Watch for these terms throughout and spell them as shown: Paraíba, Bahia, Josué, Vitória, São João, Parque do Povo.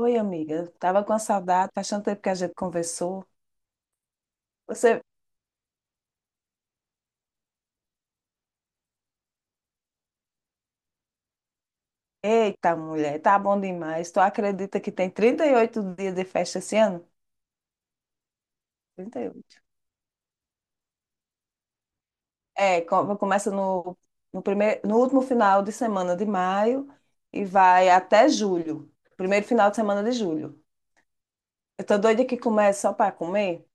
Oi, amiga. Tava com a saudade, faz tanto tempo que a gente conversou. Você, Eita, mulher, tá bom demais. Tu acredita que tem 38 dias de festa esse ano? 38. É, começa no primeiro, no último final de semana de maio e vai até julho. Primeiro final de semana de julho. Eu tô doida que comece só para comer.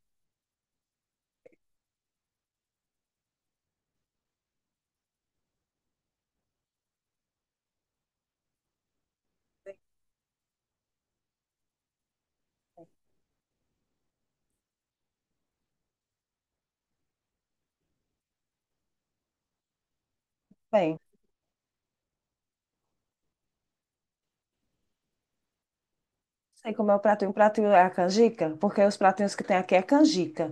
Bem, sei como é o pratinho. O pratinho é a canjica, porque os pratinhos que tem aqui é canjica.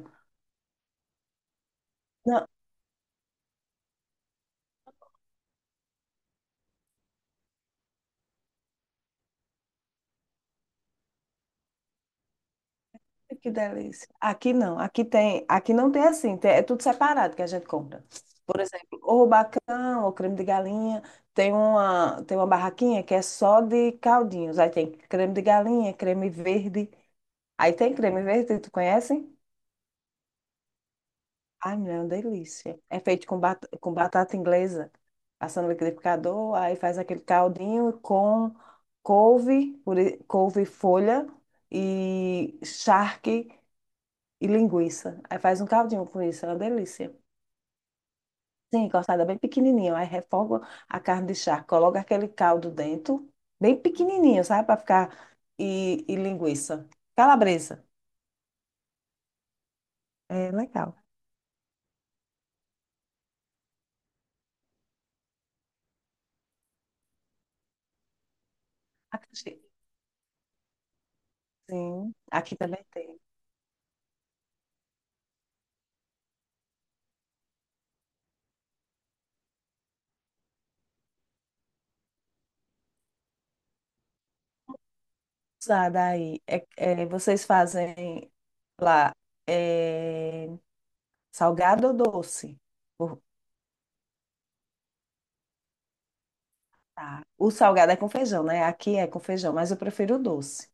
Que delícia. Aqui não, aqui tem, aqui não tem assim, é tudo separado que a gente compra. Por exemplo, o rubacão, o creme de galinha, tem uma barraquinha que é só de caldinhos. Aí tem creme de galinha, creme verde. Aí tem creme verde, tu conhece? Ai, meu, é uma delícia. É feito com batata inglesa, passa no liquidificador, aí faz aquele caldinho com couve folha e charque e linguiça. Aí faz um caldinho com isso, é uma delícia. Sim, cortada bem pequenininho. Aí refoga a carne de charque, coloca aquele caldo dentro, bem pequenininho, sabe? Para ficar. E linguiça. Calabresa. É legal. Acaxi- Sim, aqui também tem. Usada aí. É, vocês fazem lá é, salgado ou doce? Por- Tá. O salgado é com feijão, né? Aqui é com feijão, mas eu prefiro o doce.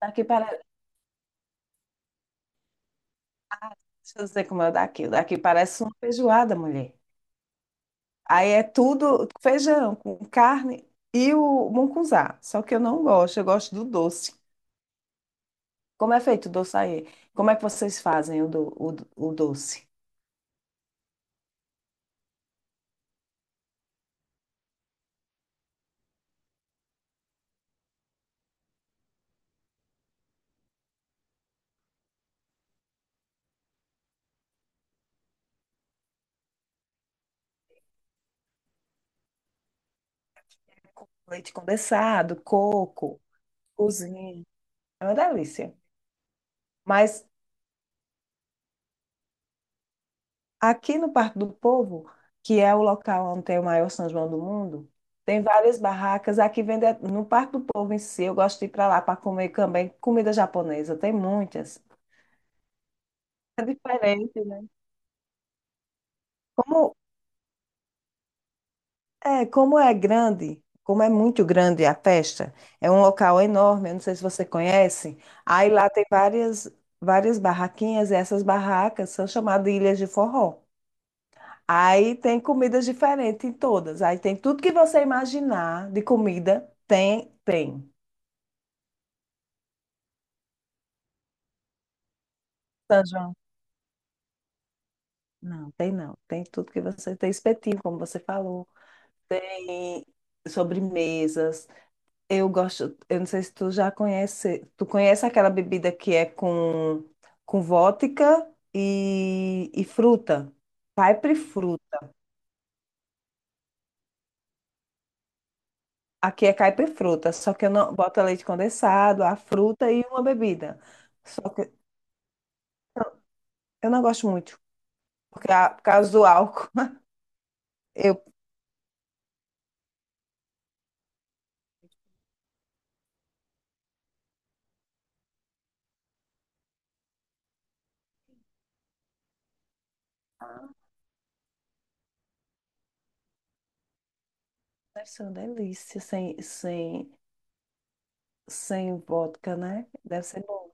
Aqui parece. Deixa eu dizer como é o daqui. O daqui parece uma feijoada, mulher. Aí é tudo feijão com carne e o mungunzá. Só que eu não gosto, eu gosto do doce. Como é feito o doce aí? Como é que vocês fazem o doce? É com leite condensado, coco, cozinha. É uma delícia. Mas aqui no Parque do Povo, que é o local onde tem o maior São João do mundo, tem várias barracas. Aqui vende no Parque do Povo em si. Eu gosto de ir para lá para comer também comida japonesa. Tem muitas. É diferente, né? Como como é grande, como é muito grande a festa, é um local enorme. Eu não sei se você conhece. Aí lá tem várias barraquinhas. E essas barracas são chamadas de ilhas de forró. Aí tem comidas diferentes em todas. Aí tem tudo que você imaginar de comida, tem. São João? Não, tem não. Tem tudo que você tem espetinho, como você falou. Tem sobremesas. Eu gosto, eu não sei se tu já conhece, tu conhece aquela bebida que é com vodka e fruta. Caipifruta. Aqui é caipifruta, só que eu não boto leite condensado, a fruta e uma bebida. Só que eu não gosto muito. Porque por causa do álcool. Eu, Deve ser uma delícia sem, sem vodka, né? Deve ser bom.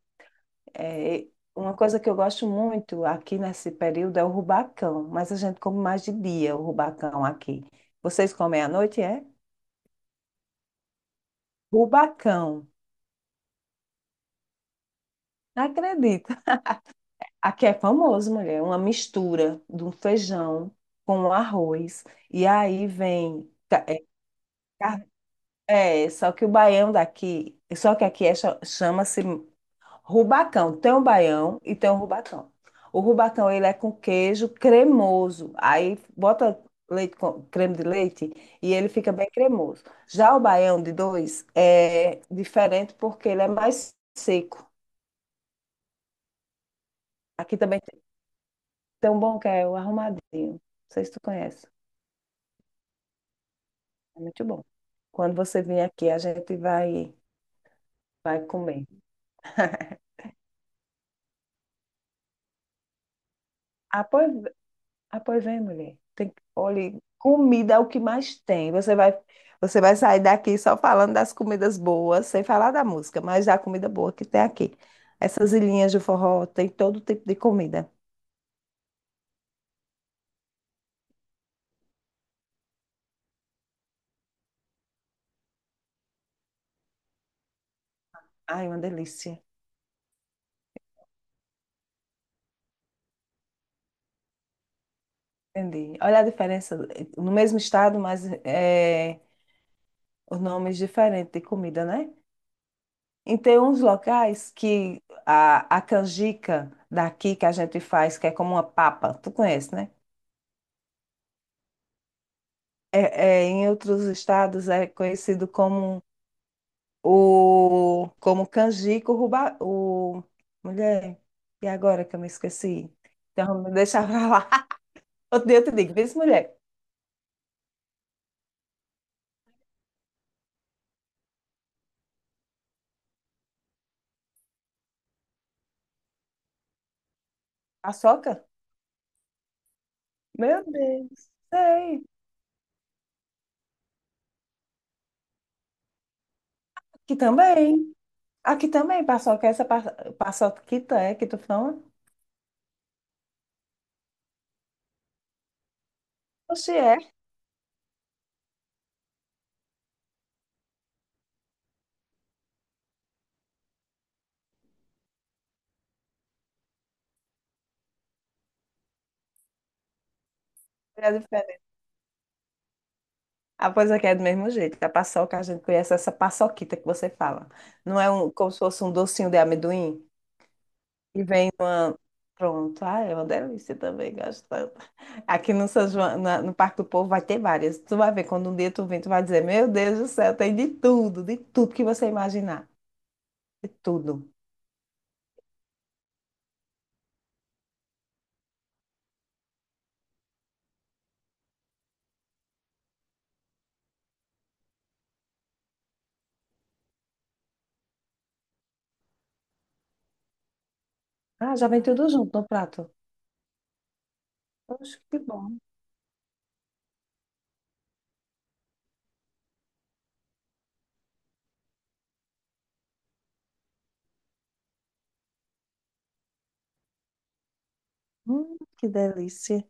É, e uma coisa que eu gosto muito aqui nesse período é o rubacão, mas a gente come mais de dia o rubacão aqui. Vocês comem à noite, é? Rubacão. Não acredita. Aqui é famoso, mulher, uma mistura de um feijão com um arroz. E aí vem. Car- Só que o baião daqui, só que aqui é chama-se Rubacão, tem o baião e tem o rubacão. O rubacão, ele é com queijo cremoso. Aí bota leite creme de leite e ele fica bem cremoso. Já o baião de dois é diferente porque ele é mais seco. Aqui também tem um bom que é o arrumadinho. Não sei se tu conhece. É muito bom. Quando você vir aqui, a gente vai comer. Ah, pois Ah, pois é, mulher. Tem, olha, comida é o que mais tem. Você vai sair daqui só falando das comidas boas, sem falar da música, mas da comida boa que tem aqui. Essas ilhinhas de forró tem todo tipo de comida. Ai, uma delícia. Entendi. Olha a diferença. No mesmo estado, mas os nomes diferentes de comida, né? E tem uns locais que a canjica daqui que a gente faz, que é como uma papa. Tu conhece, né? É, em outros estados é conhecido como o como canjico ruba, o mulher. E agora que eu me esqueci? Então, me deixa pra lá. Outro dia eu te digo, vê se mulher, paçoca? Meu Deus, sei. Aqui também. Aqui também, paçoca. Essa paçoquita é que tu fala? Oxi, é. É diferente. Ah, pois aqui é do mesmo jeito. A paçoca, a gente conhece essa paçoquita que você fala. Não é um, como se fosse um docinho de amendoim? E vem uma. Pronto. Ah, é uma delícia também, gosto tanto. Aqui no São João, no Parque do Povo vai ter várias. Tu vai ver, quando um dia tu vem, tu vai dizer, meu Deus do céu, tem de tudo que você imaginar. De tudo. Ah, já vem tudo junto no prato. Poxa, que bom. Que delícia.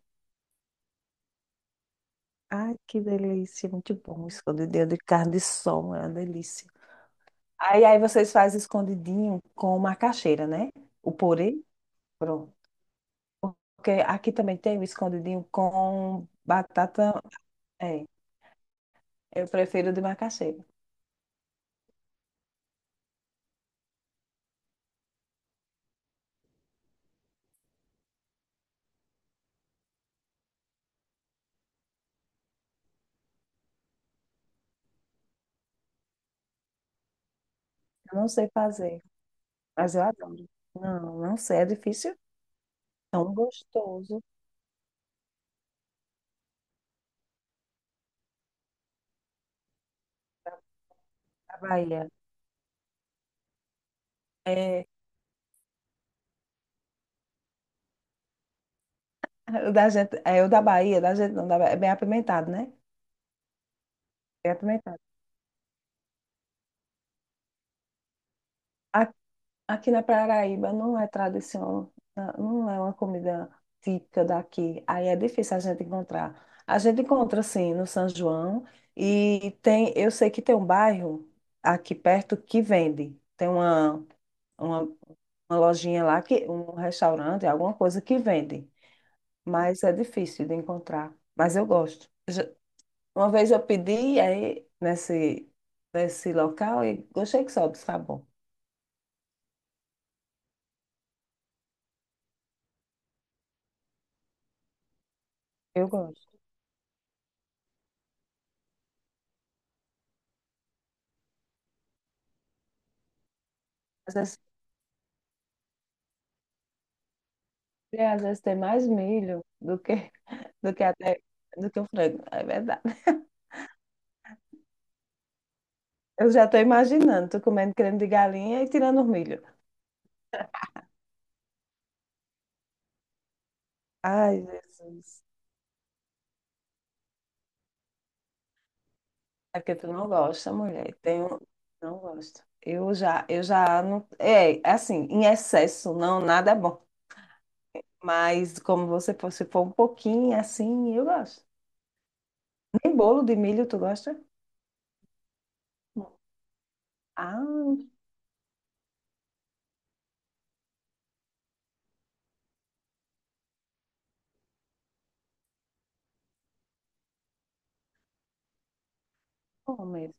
Ai, que delícia. Muito bom. Escondidinho de carne de sol, é uma delícia. Aí, vocês fazem escondidinho com macaxeira, né? O purê. Pronto. Porque aqui também tem o escondidinho com batata. É, eu prefiro de macaxeira. Eu não sei fazer, mas eu adoro. Não, não sei, é difícil. Tão gostoso. Da Bahia. É, o da gente, é o da Bahia, da gente não, da Bahia, é bem apimentado, né? Bem apimentado. Aqui na Paraíba não é tradição, não é uma comida típica daqui. Aí é difícil a gente encontrar. A gente encontra, sim, no São João. E tem, eu sei que tem um bairro aqui perto que vende. Tem uma, uma lojinha lá, que, um restaurante, alguma coisa que vende. Mas é difícil de encontrar. Mas eu gosto. Uma vez eu pedi aí nesse local e gostei que sobe, tá bom. Eu gosto. Mas é E às vezes tem mais milho do que até do que o frango. É verdade. Eu já estou imaginando, tu comendo creme de galinha e tirando o milho. Ai, Jesus. É porque tu não gosta, mulher. Tem um. Não gosto. Eu já não. É, assim, em excesso, não, nada é bom. Mas como você for, se for um pouquinho assim, eu gosto. Nem bolo de milho tu gosta? Ah, muito bom mesmo.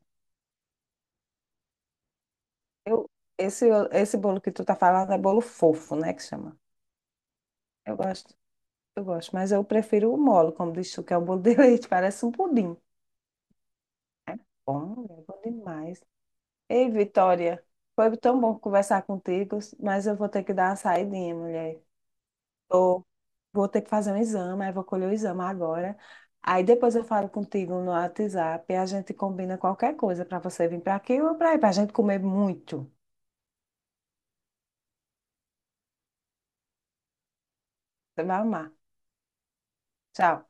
Eu, esse bolo que tu tá falando é bolo fofo, né? Que chama. Eu gosto. Eu gosto, mas eu prefiro o molo, como diz tu, que é o bolo de leite, parece um pudim. Bom, é bom demais. Ei, Vitória, foi tão bom conversar contigo, mas eu vou ter que dar uma saidinha, mulher. Tô, Vou ter que fazer um exame, aí vou colher o exame agora. Aí depois eu falo contigo no WhatsApp e a gente combina qualquer coisa para você vir para aqui ou para aí, para a gente comer muito. Você vai amar. Tchau.